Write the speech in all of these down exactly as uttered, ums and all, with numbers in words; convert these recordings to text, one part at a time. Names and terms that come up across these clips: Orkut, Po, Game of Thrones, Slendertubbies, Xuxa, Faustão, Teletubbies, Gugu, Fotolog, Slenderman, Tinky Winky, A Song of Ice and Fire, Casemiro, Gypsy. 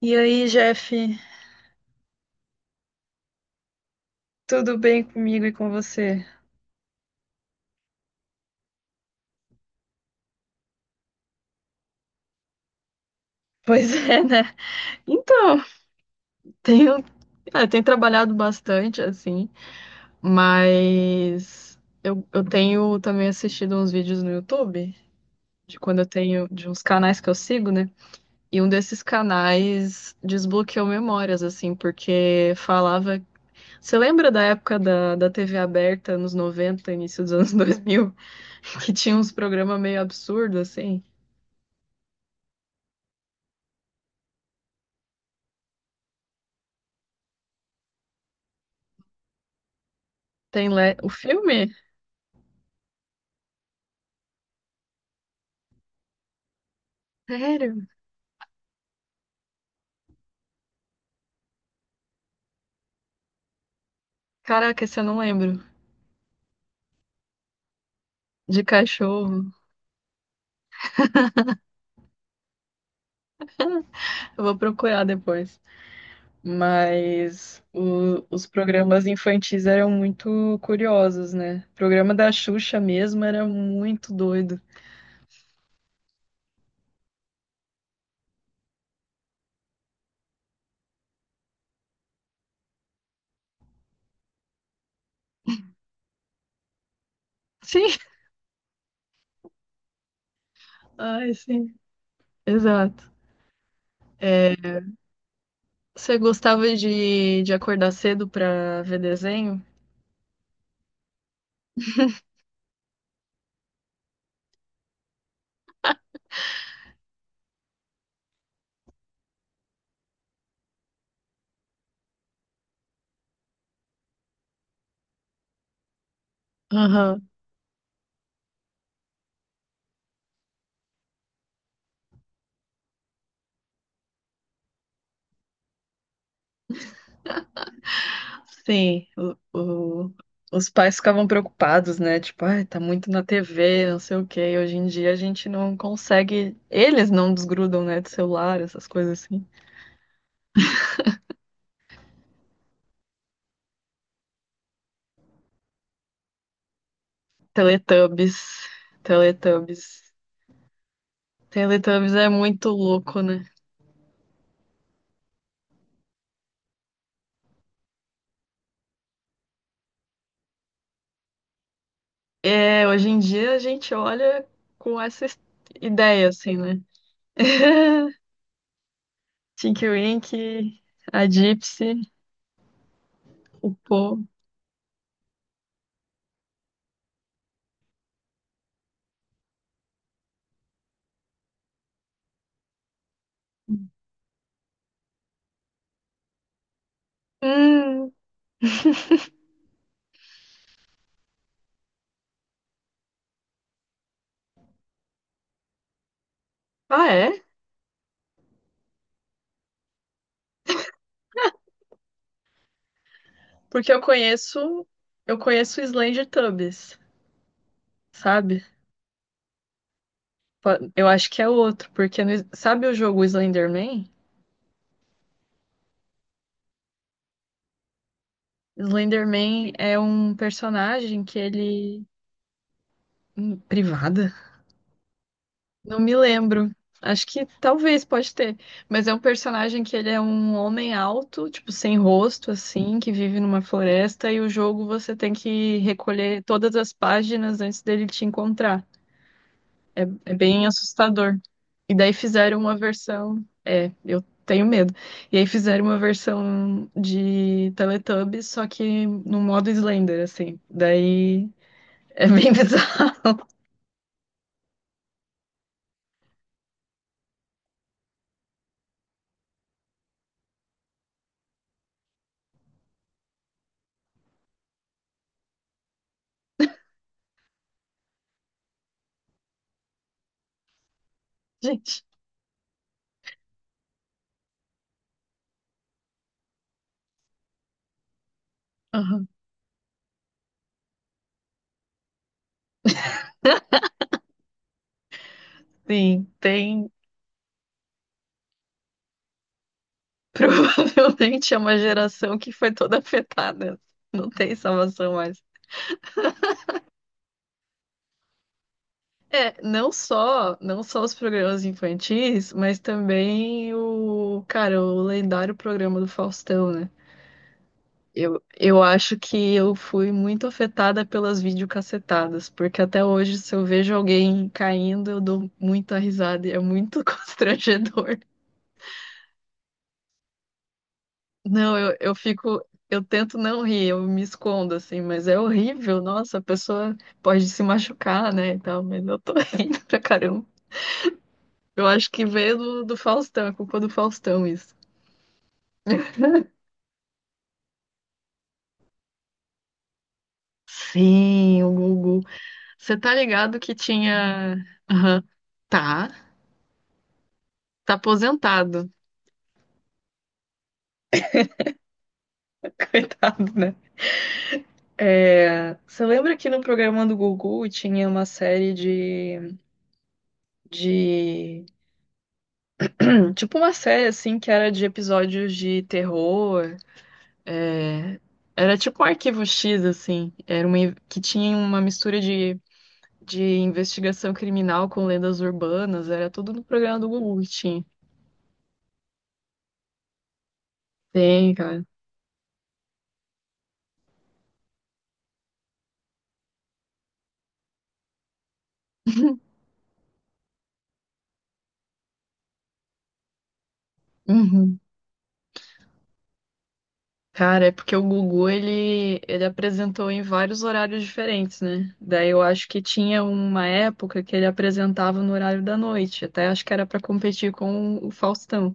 E aí, Jeff, tudo bem comigo e com você? Pois é, né? Então, tenho, é, tenho trabalhado bastante, assim, mas eu, eu tenho também assistido uns vídeos no YouTube, de quando eu tenho, de uns canais que eu sigo, né? E um desses canais desbloqueou memórias, assim, porque falava. Você lembra da época da, da T V aberta, nos noventa, início dos anos dois mil, que tinha uns programas meio absurdos, assim? Tem le... o filme? Sério? Caraca, esse eu não lembro. De cachorro. Eu vou procurar depois. Mas o- os programas infantis eram muito curiosos, né? O programa da Xuxa mesmo era muito doido. Sim, ai, sim. Exato. É, você gostava de, de acordar cedo pra ver desenho? Aham. Sim, o- o- os pais ficavam preocupados, né? Tipo, ai, tá muito na T V, não sei o quê. Hoje em dia a gente não consegue. Eles não desgrudam, né, do celular, essas coisas assim. Teletubbies, Teletubbies. Teletubbies é muito louco, né? É, hoje em dia a gente olha com essa es- ideia, assim, né? Tinky Winky, a Gypsy, o Po. Hum, ah, é? Porque eu conheço, eu conheço o Slendertubbies, sabe? Po- Eu acho que é outro, porque no- Is- sabe o jogo Slenderman? Slenderman é um personagem que ele. Hum, privada? Não me lembro. Acho que talvez pode ter, mas é um personagem que ele é um homem alto, tipo sem rosto assim, que vive numa floresta e o jogo você tem que recolher todas as páginas antes dele te encontrar. É bem assustador. E daí fizeram uma versão. É, eu tenho medo. E aí fizeram uma versão de Teletubbies, só que no modo Slender, assim. Daí é bem bizarro. Gente. Aham. Sim, tem. Provavelmente é uma geração que foi toda afetada. Não tem salvação mais. É, não só, não só os programas infantis, mas também o, cara, o lendário programa do Faustão, né? Eu, eu acho que eu fui muito afetada pelas videocassetadas, porque até hoje, se eu vejo alguém caindo, eu dou muita risada e é muito constrangedor. Não, eu, eu fico, eu tento não rir, eu me escondo assim, mas é horrível. Nossa, a pessoa pode se machucar, né, e tal, mas eu tô rindo pra caramba. Eu acho que veio do, do Faustão, é culpa do Faustão isso. Sim, o Gugu. Você tá ligado que tinha. Aham. Tá, tá aposentado. Coitado, né? É, você lembra que no programa do Gugu tinha uma série de, de... Tipo uma série, assim, que era de episódios de terror. é, Era tipo um arquivo X, assim. Era uma... Que tinha uma mistura de, de investigação criminal com lendas urbanas. Era tudo no programa do Gugu que tinha. Tem, cara. Uhum. Cara, é porque o Gugu, ele, ele apresentou em vários horários diferentes, né? Daí eu acho que tinha uma época que ele apresentava no horário da noite, até acho que era pra competir com o Faustão.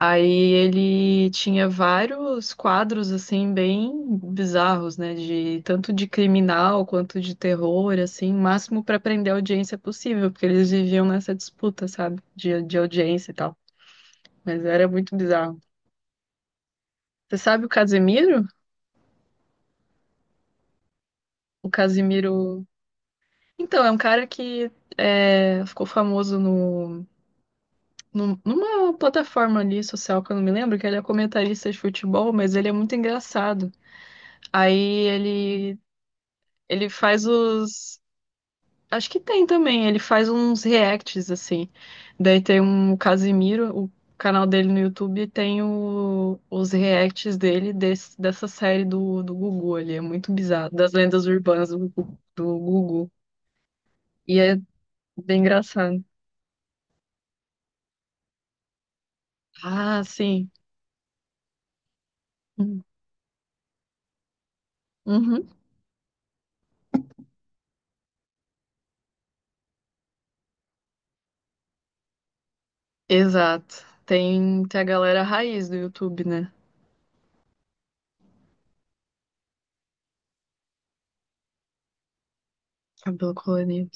Aí ele tinha vários quadros, assim, bem bizarros, né? De, tanto de criminal quanto de terror, assim, máximo pra prender a audiência possível, porque eles viviam nessa disputa, sabe? De, de audiência e tal. Mas era muito bizarro. Você sabe o Casemiro? O Casemiro. Então, é um cara que é, ficou famoso no, no- numa plataforma ali social que eu não me lembro, que ele é comentarista de futebol, mas ele é muito engraçado. Aí ele, ele faz os. Acho que tem também, ele faz uns reacts, assim. Daí tem um Casimiro, o canal dele no YouTube tem o- os reacts dele desse- dessa série do, do Gugu ali. É muito bizarro, das lendas urbanas do, Gugu- do Gugu. E é bem engraçado. Ah, sim. Uhum. Exato. Tem, tem a galera raiz do YouTube, né? Cabelo colorido.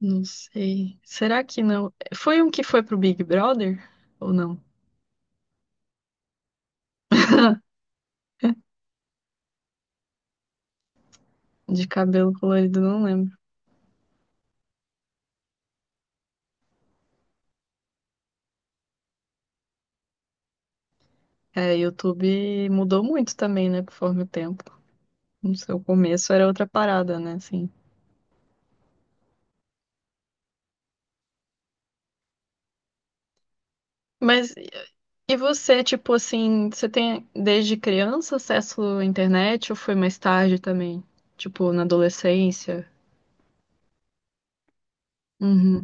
Não sei. Será que não? Foi um que foi pro Big Brother? Ou não? De cabelo colorido, não lembro. É, YouTube mudou muito também, né? Conforme o tempo. No seu começo era outra parada, né? Assim. Mas e você, tipo assim, você tem desde criança acesso à internet ou foi mais tarde também? Tipo, na adolescência? Uhum.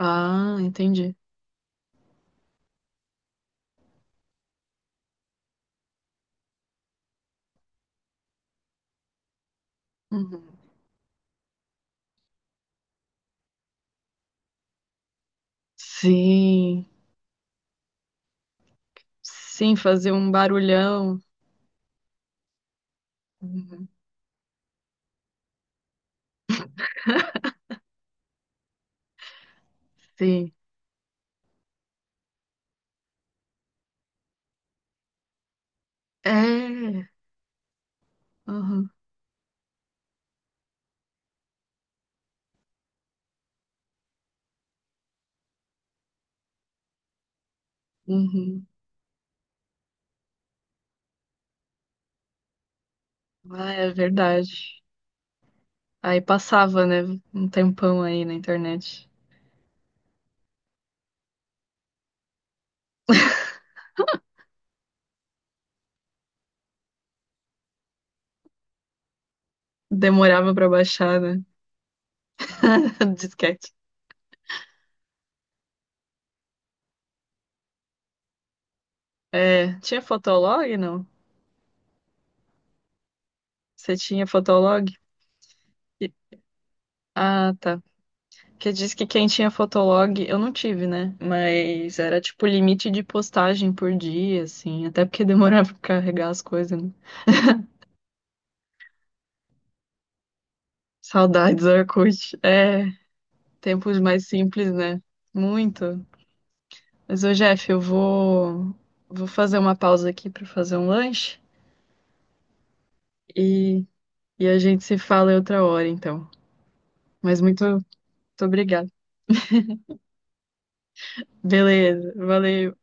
Ah, entendi. Uhum. Sim, sim, fazer um barulhão. Uhum, sim. É. Uhum, uhum. Ah, é verdade. Aí passava, né? Um tempão aí na internet. Demorava pra baixar, né? Disquete. É, tinha Fotolog, não? Você tinha Fotolog? E- Ah, tá. Que diz que quem tinha Fotolog, eu não tive, né? Mas era tipo limite de postagem por dia, assim. Até porque demorava pra carregar as coisas, né? Saudades, Orkut. É, tempos mais simples, né? Muito. Mas, ô, Jeff, eu vou, vou fazer uma pausa aqui para fazer um lanche e, e a gente se fala em outra hora, então. Mas muito, muito obrigada. Beleza, valeu.